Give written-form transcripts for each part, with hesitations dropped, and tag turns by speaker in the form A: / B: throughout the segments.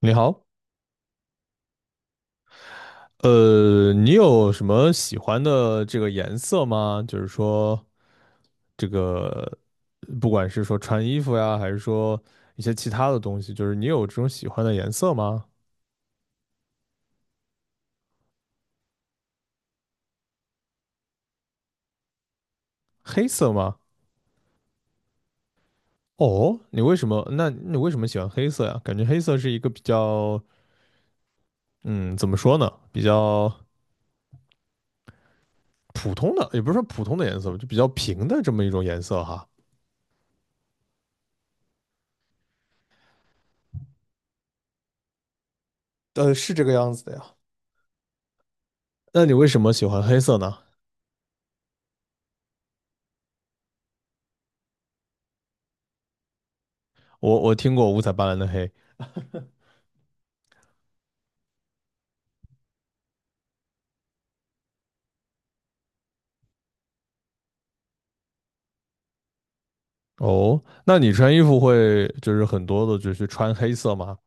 A: 你好，你有什么喜欢的这个颜色吗？就是说，这个不管是说穿衣服呀，还是说一些其他的东西，就是你有这种喜欢的颜色吗？黑色吗？哦，你为什么？那你为什么喜欢黑色呀？感觉黑色是一个比较，嗯，怎么说呢？比较普通的，也不是说普通的颜色吧，就比较平的这么一种颜色哈。是这个样子的呀。那你为什么喜欢黑色呢？我听过五彩斑斓的黑。哦，那你穿衣服会就是很多的，就是穿黑色吗？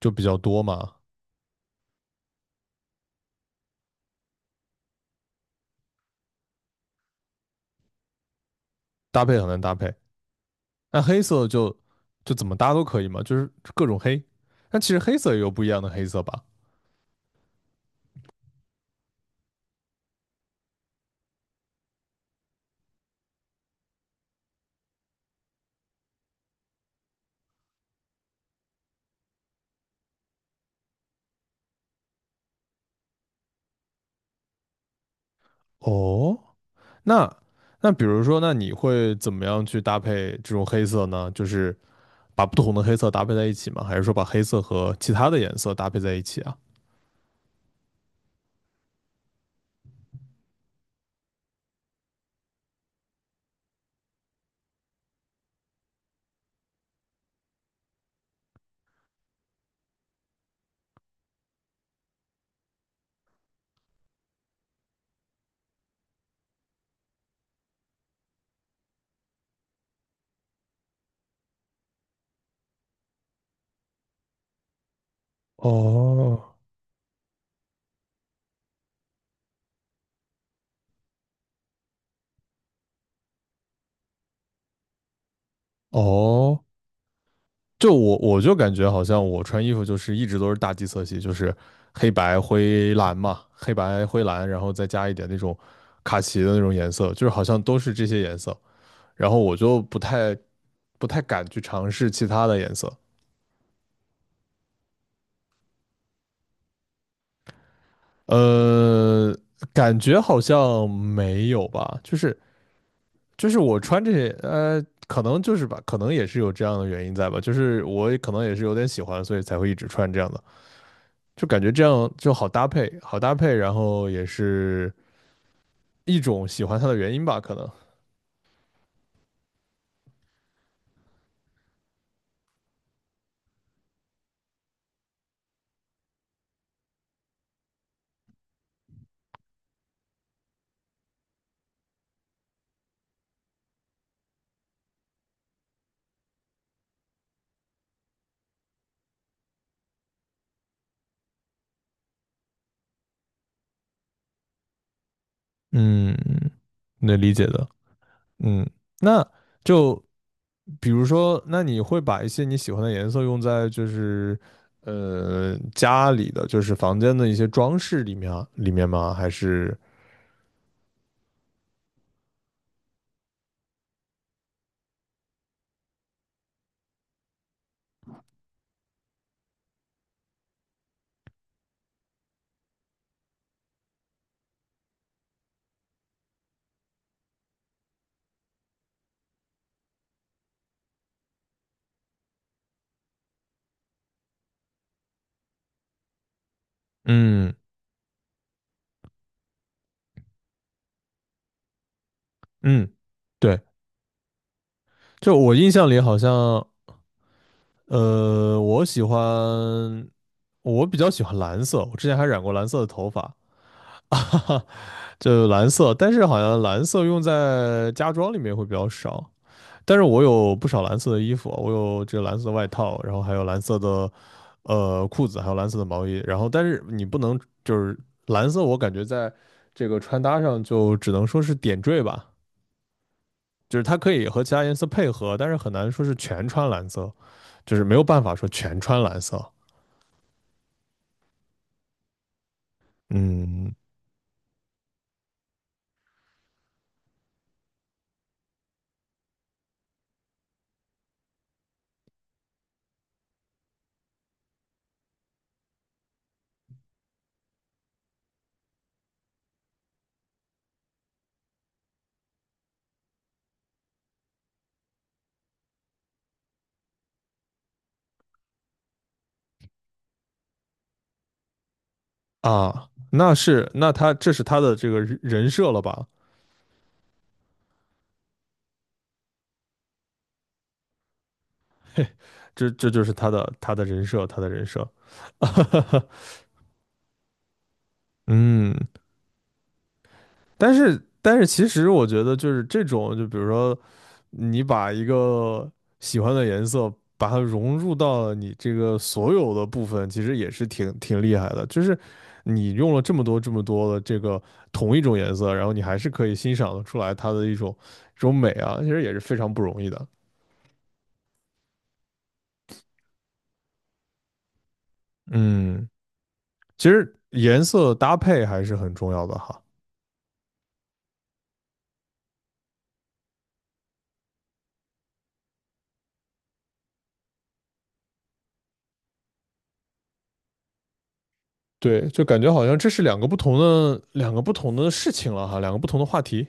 A: 就比较多嘛，搭配很难搭配。那黑色就怎么搭都可以嘛，就是各种黑。那其实黑色也有不一样的黑色吧？哦，那那比如说，那你会怎么样去搭配这种黑色呢？就是把不同的黑色搭配在一起吗？还是说把黑色和其他的颜色搭配在一起啊？哦哦，就我就感觉好像我穿衣服就是一直都是大地色系，就是黑白灰蓝嘛，黑白灰蓝，然后再加一点那种卡其的那种颜色，就是好像都是这些颜色，然后我就不太敢去尝试其他的颜色，呃，感觉好像没有吧，就是我穿这些，可能就是吧，可能也是有这样的原因在吧，就是我也可能也是有点喜欢，所以才会一直穿这样的。就感觉这样就好搭配，好搭配，然后也是一种喜欢它的原因吧，可能。嗯，能理解的。嗯，那就比如说，那你会把一些你喜欢的颜色用在就是家里的就是房间的一些装饰里面啊里面吗？还是嗯嗯，对，就我印象里好像呃，我喜欢我比较喜欢蓝色，我之前还染过蓝色的头发。哈哈。就蓝色，但是好像蓝色用在家装里面会比较少。但是我有不少蓝色的衣服，我有这个蓝色的外套，然后还有蓝色的裤子，还有蓝色的毛衣。然后，但是你不能就是蓝色，我感觉在这个穿搭上就只能说是点缀吧，就是它可以和其他颜色配合，但是很难说是全穿蓝色，就是没有办法说全穿蓝色。嗯啊，那是那他这是他的这个人设了吧？这就是他的人设，他的人设，嗯，但是其实我觉得就是这种，就比如说你把一个喜欢的颜色，把它融入到了你这个所有的部分，其实也是挺厉害的。就是你用了这么多的这个同一种颜色，然后你还是可以欣赏得出来它的一种这种美啊，其实也是非常不容易的。嗯，其实颜色搭配还是很重要的哈。对，就感觉好像这是两个不同的事情了哈，两个不同的话题。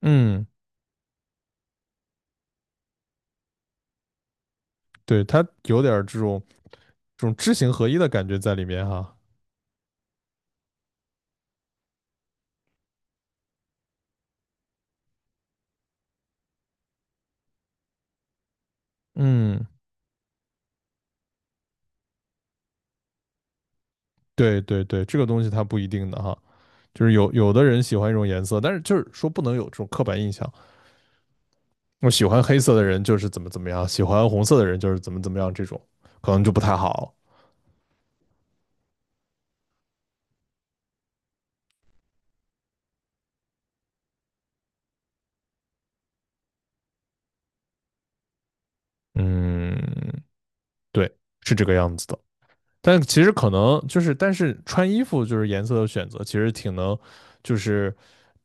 A: 嗯，对，它有点这种知行合一的感觉在里面哈。嗯，对对对，这个东西它不一定的哈，就是有的人喜欢一种颜色，但是就是说不能有这种刻板印象，我喜欢黑色的人就是怎么怎么样，喜欢红色的人就是怎么怎么样，这种可能就不太好。嗯，对，是这个样子的。但其实可能就是，但是穿衣服就是颜色的选择，其实挺能就是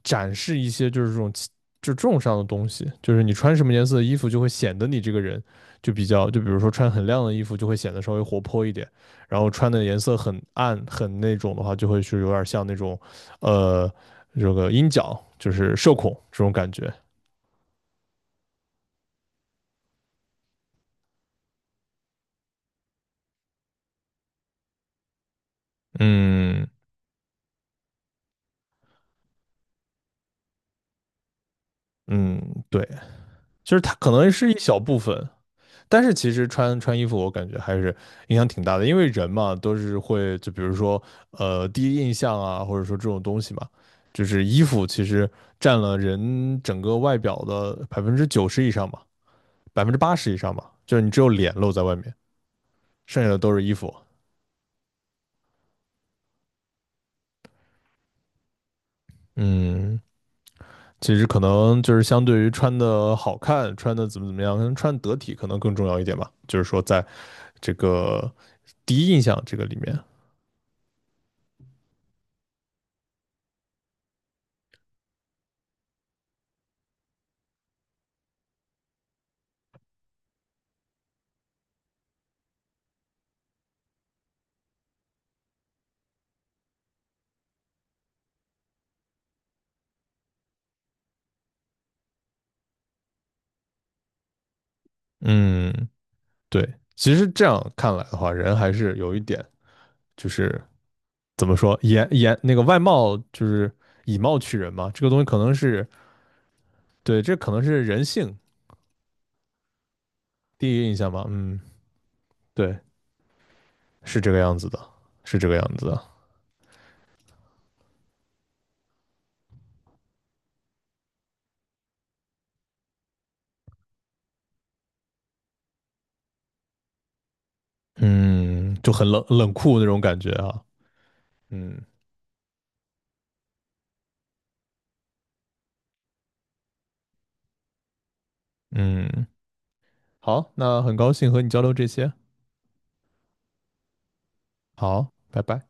A: 展示一些就是这种就这种上的东西，就是你穿什么颜色的衣服就会显得你这个人就比较，就比如说穿很亮的衣服就会显得稍微活泼一点，然后穿的颜色很暗很那种的话，就会是有点像那种呃这个阴角，就是社恐这种感觉。嗯嗯，对，就是它可能是一小部分，但是其实穿衣服，我感觉还是影响挺大的，因为人嘛都是会，就比如说第一印象啊，或者说这种东西嘛，就是衣服其实占了人整个外表的90%以上嘛，80%以上嘛，就是你只有脸露在外面，剩下的都是衣服。嗯，其实可能就是相对于穿的好看，穿的怎么怎么样，可能穿得体可能更重要一点吧，就是说在这个第一印象这个里面，嗯。对，其实这样看来的话，人还是有一点，就是怎么说，那个外貌就是以貌取人嘛，这个东西可能是对，这可能是人性第一印象吧。嗯，对，是这个样子的，是这个样子的。嗯，就很冷酷那种感觉啊。嗯嗯，好，那很高兴和你交流这些。好，拜拜。